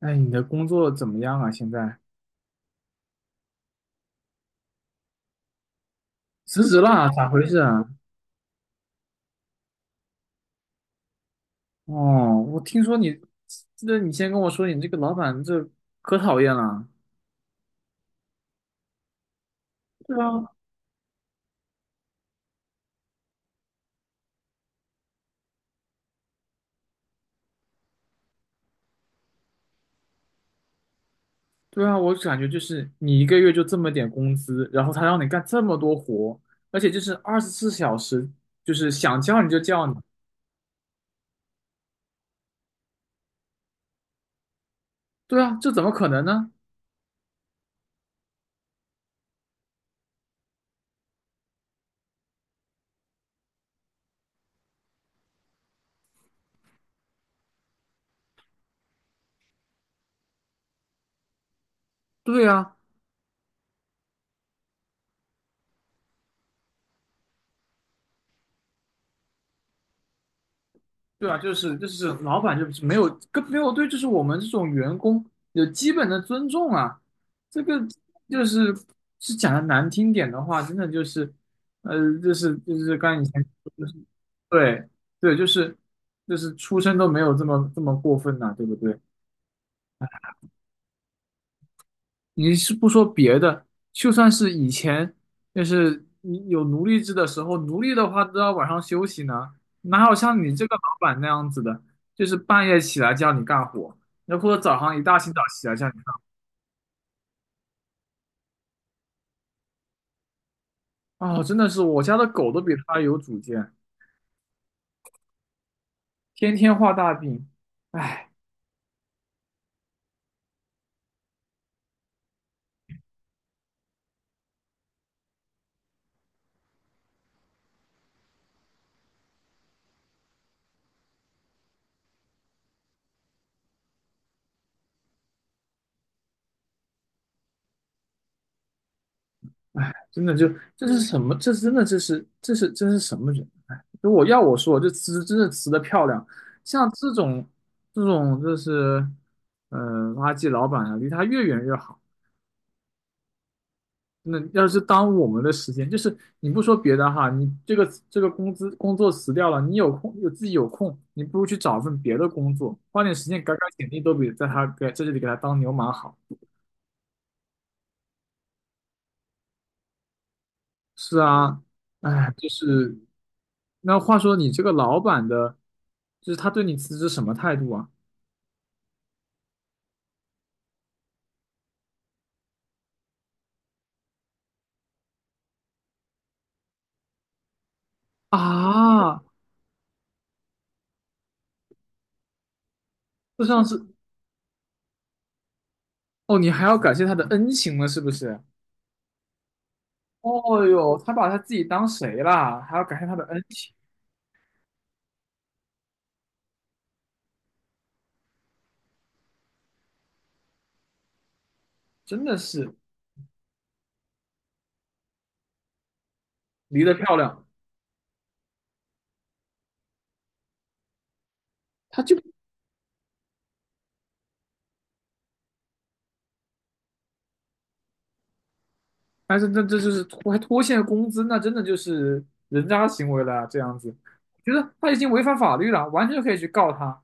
哎，你的工作怎么样啊？现在辞职了，咋回事啊？哦，我听说你，记得你先跟我说你这个老板这可讨厌了。对啊，对啊，我感觉就是你一个月就这么点工资，然后他让你干这么多活，而且就是二十四小时，就是想叫你就叫你。对啊，这怎么可能呢？对啊，对啊，就是老板就是没有对，就是我们这种员工有基本的尊重啊。这个就是讲的难听点的话，真的就是，就是刚才以前就是对对，就是出身都没有这么这么过分呐、对不对？你是不说别的，就算是以前，就是你有奴隶制的时候，奴隶的话都要晚上休息呢，哪有像你这个老板那样子的，就是半夜起来叫你干活，然后或者早上一大清早起来叫你干。哦，真的是我家的狗都比他有主见，天天画大饼，唉。真的就这是什么？这真的这是什么人？哎，如果要我说，这词真的词的漂亮，像这种就是，呃，垃圾老板啊，离他越远越好。那要是耽误我们的时间，就是你不说别的哈，你这个工作辞掉了，你有空有自己有空，你不如去找份别的工作，花点时间改改简历，都比在这里给他当牛马好。是啊，哎，就是。那话说你这个老板的，就是他对你辞职什么态度啊？啊，这像是哦，你还要感谢他的恩情了，是不是？哦哟，他把他自己当谁啦？还要感谢他的恩情，真的是离得漂亮。他就，还是这就是拖欠工资，那真的就是人渣行为了啊这样子，我觉得他已经违反法律了，完全可以去告他，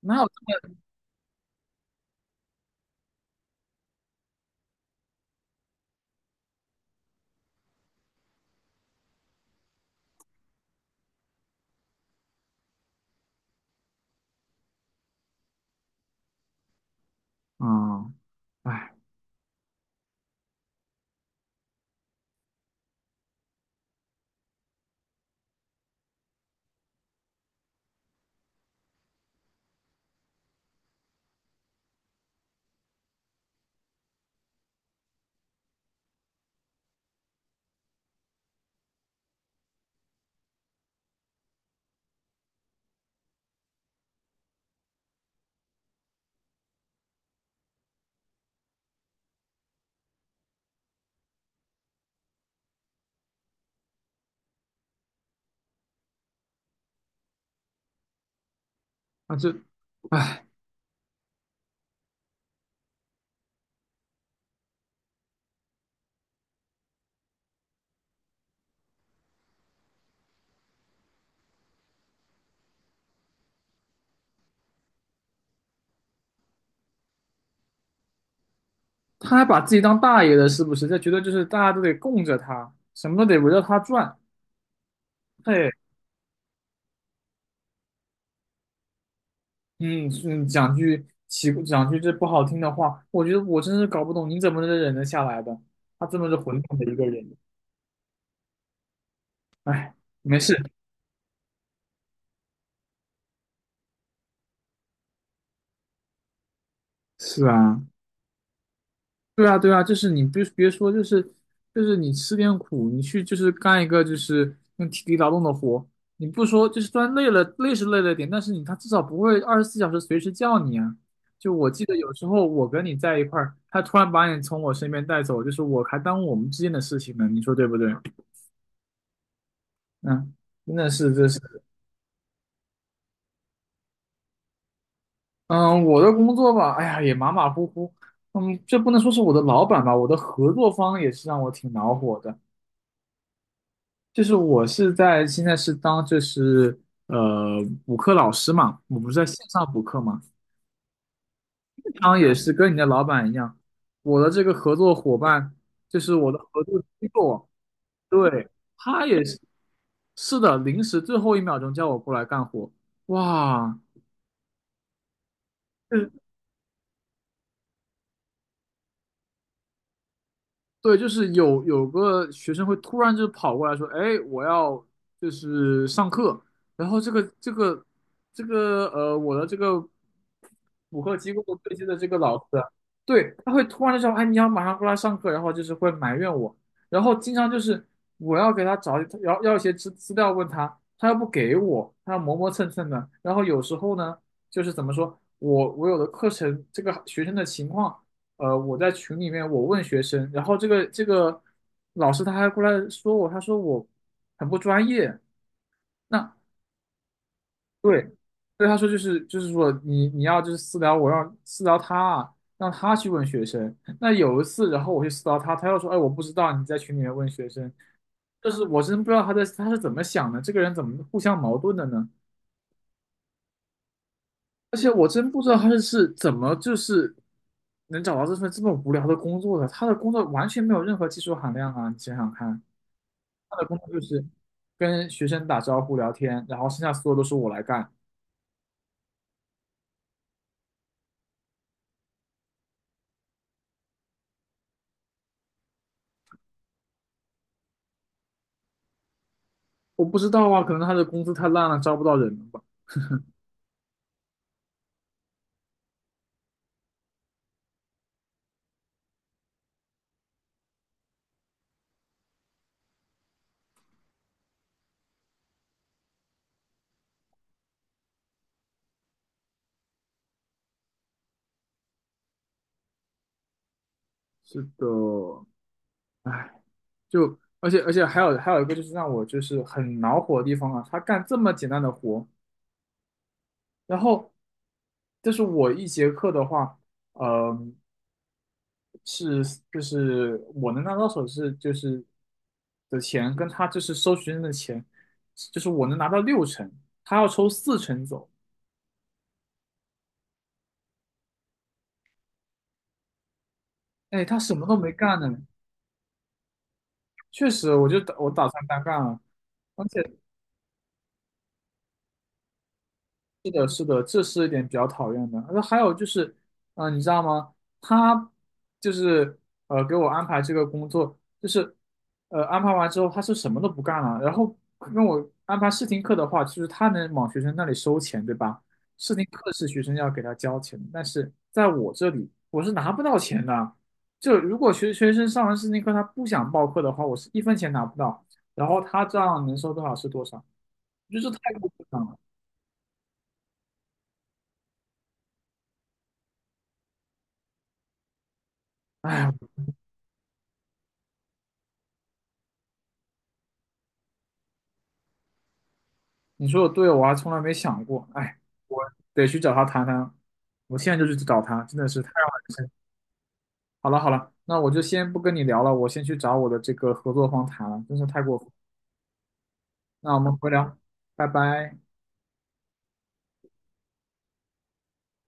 哪有这么啊？哎，那这。哎。他还把自己当大爷了，是不是？他觉得就是大家都得供着他，什么都得围着他转。嘿，嗯嗯，讲句这不好听的话，我觉得我真是搞不懂你怎么能忍得下来的。他这么是混蛋的一个人。哎，没事。是啊，对啊，对啊，就是你别说，就是你吃点苦，你去就是干一个就是用体力劳动的活，你不说就是虽然累了，累是累了点，但是你他至少不会二十四小时随时叫你啊。就我记得有时候我跟你在一块儿，他突然把你从我身边带走，就是我还耽误我们之间的事情呢，你说对不对？嗯，真的是，这是，嗯，我的工作吧，哎呀，也马马虎虎，嗯，这不能说是我的老板吧，我的合作方也是让我挺恼火的。就是我是现在是当就是呃补课老师嘛，我不是在线上补课嘛，经常也是跟你的老板一样，我的这个合作伙伴就是我的合作机构，对，他也是。是的，临时最后一秒钟叫我过来干活，哇，对，就是有个学生会突然就跑过来说：“哎，我要就是上课。”然后这个我的这个补课机构对接的这个老师，对，他会突然就说：“哎，你要马上过来上课。”然后就是会埋怨我，然后经常就是我要给他找要一些资料问他，他又不给我，他磨磨蹭蹭的。然后有时候呢，就是怎么说，我有的课程这个学生的情况。我在群里面我问学生，然后这个老师他还过来说我，他说我很不专业。那对，对他说就是说你要就是私聊我，让私聊他啊，让他去问学生。那有一次，然后我去私聊他，他又说，哎，我不知道你在群里面问学生，就是我真不知道他是怎么想的，这个人怎么互相矛盾的呢？而且我真不知道他是怎么就是能找到这份这么无聊的工作的，他的工作完全没有任何技术含量啊！你想想看。他的工作就是跟学生打招呼聊天，然后剩下所有都是我来干。我不知道啊，可能他的工资太烂了，招不到人了吧？是的，唉，就而且还有一个就是让我就是很恼火的地方啊，他干这么简单的活，然后就是我一节课的话，呃，是就是我能拿到手是就是的钱，跟他就是收学生的钱，就是我能拿到六成，他要抽四成走。哎，他什么都没干呢，确实，我就打算单干了，而且是的，是的，这是一点比较讨厌的。那还有就是，你知道吗？他就是给我安排这个工作，就是安排完之后，他是什么都不干了，然后跟我安排试听课的话，就是他能往学生那里收钱，对吧？试听课是学生要给他交钱的但是在我这里我是拿不到钱的。就如果学生上完试听课他不想报课的话，我是一分钱拿不到，然后他这样能收多少是多少。我觉得这太过分了。哎，你说的对，我还从来没想过。哎，我得去找他谈谈。我现在就去找他，真的是太让人生气。好了好了，那我就先不跟你聊了，我先去找我的这个合作方谈了，真是太过分。那我们回聊，拜拜。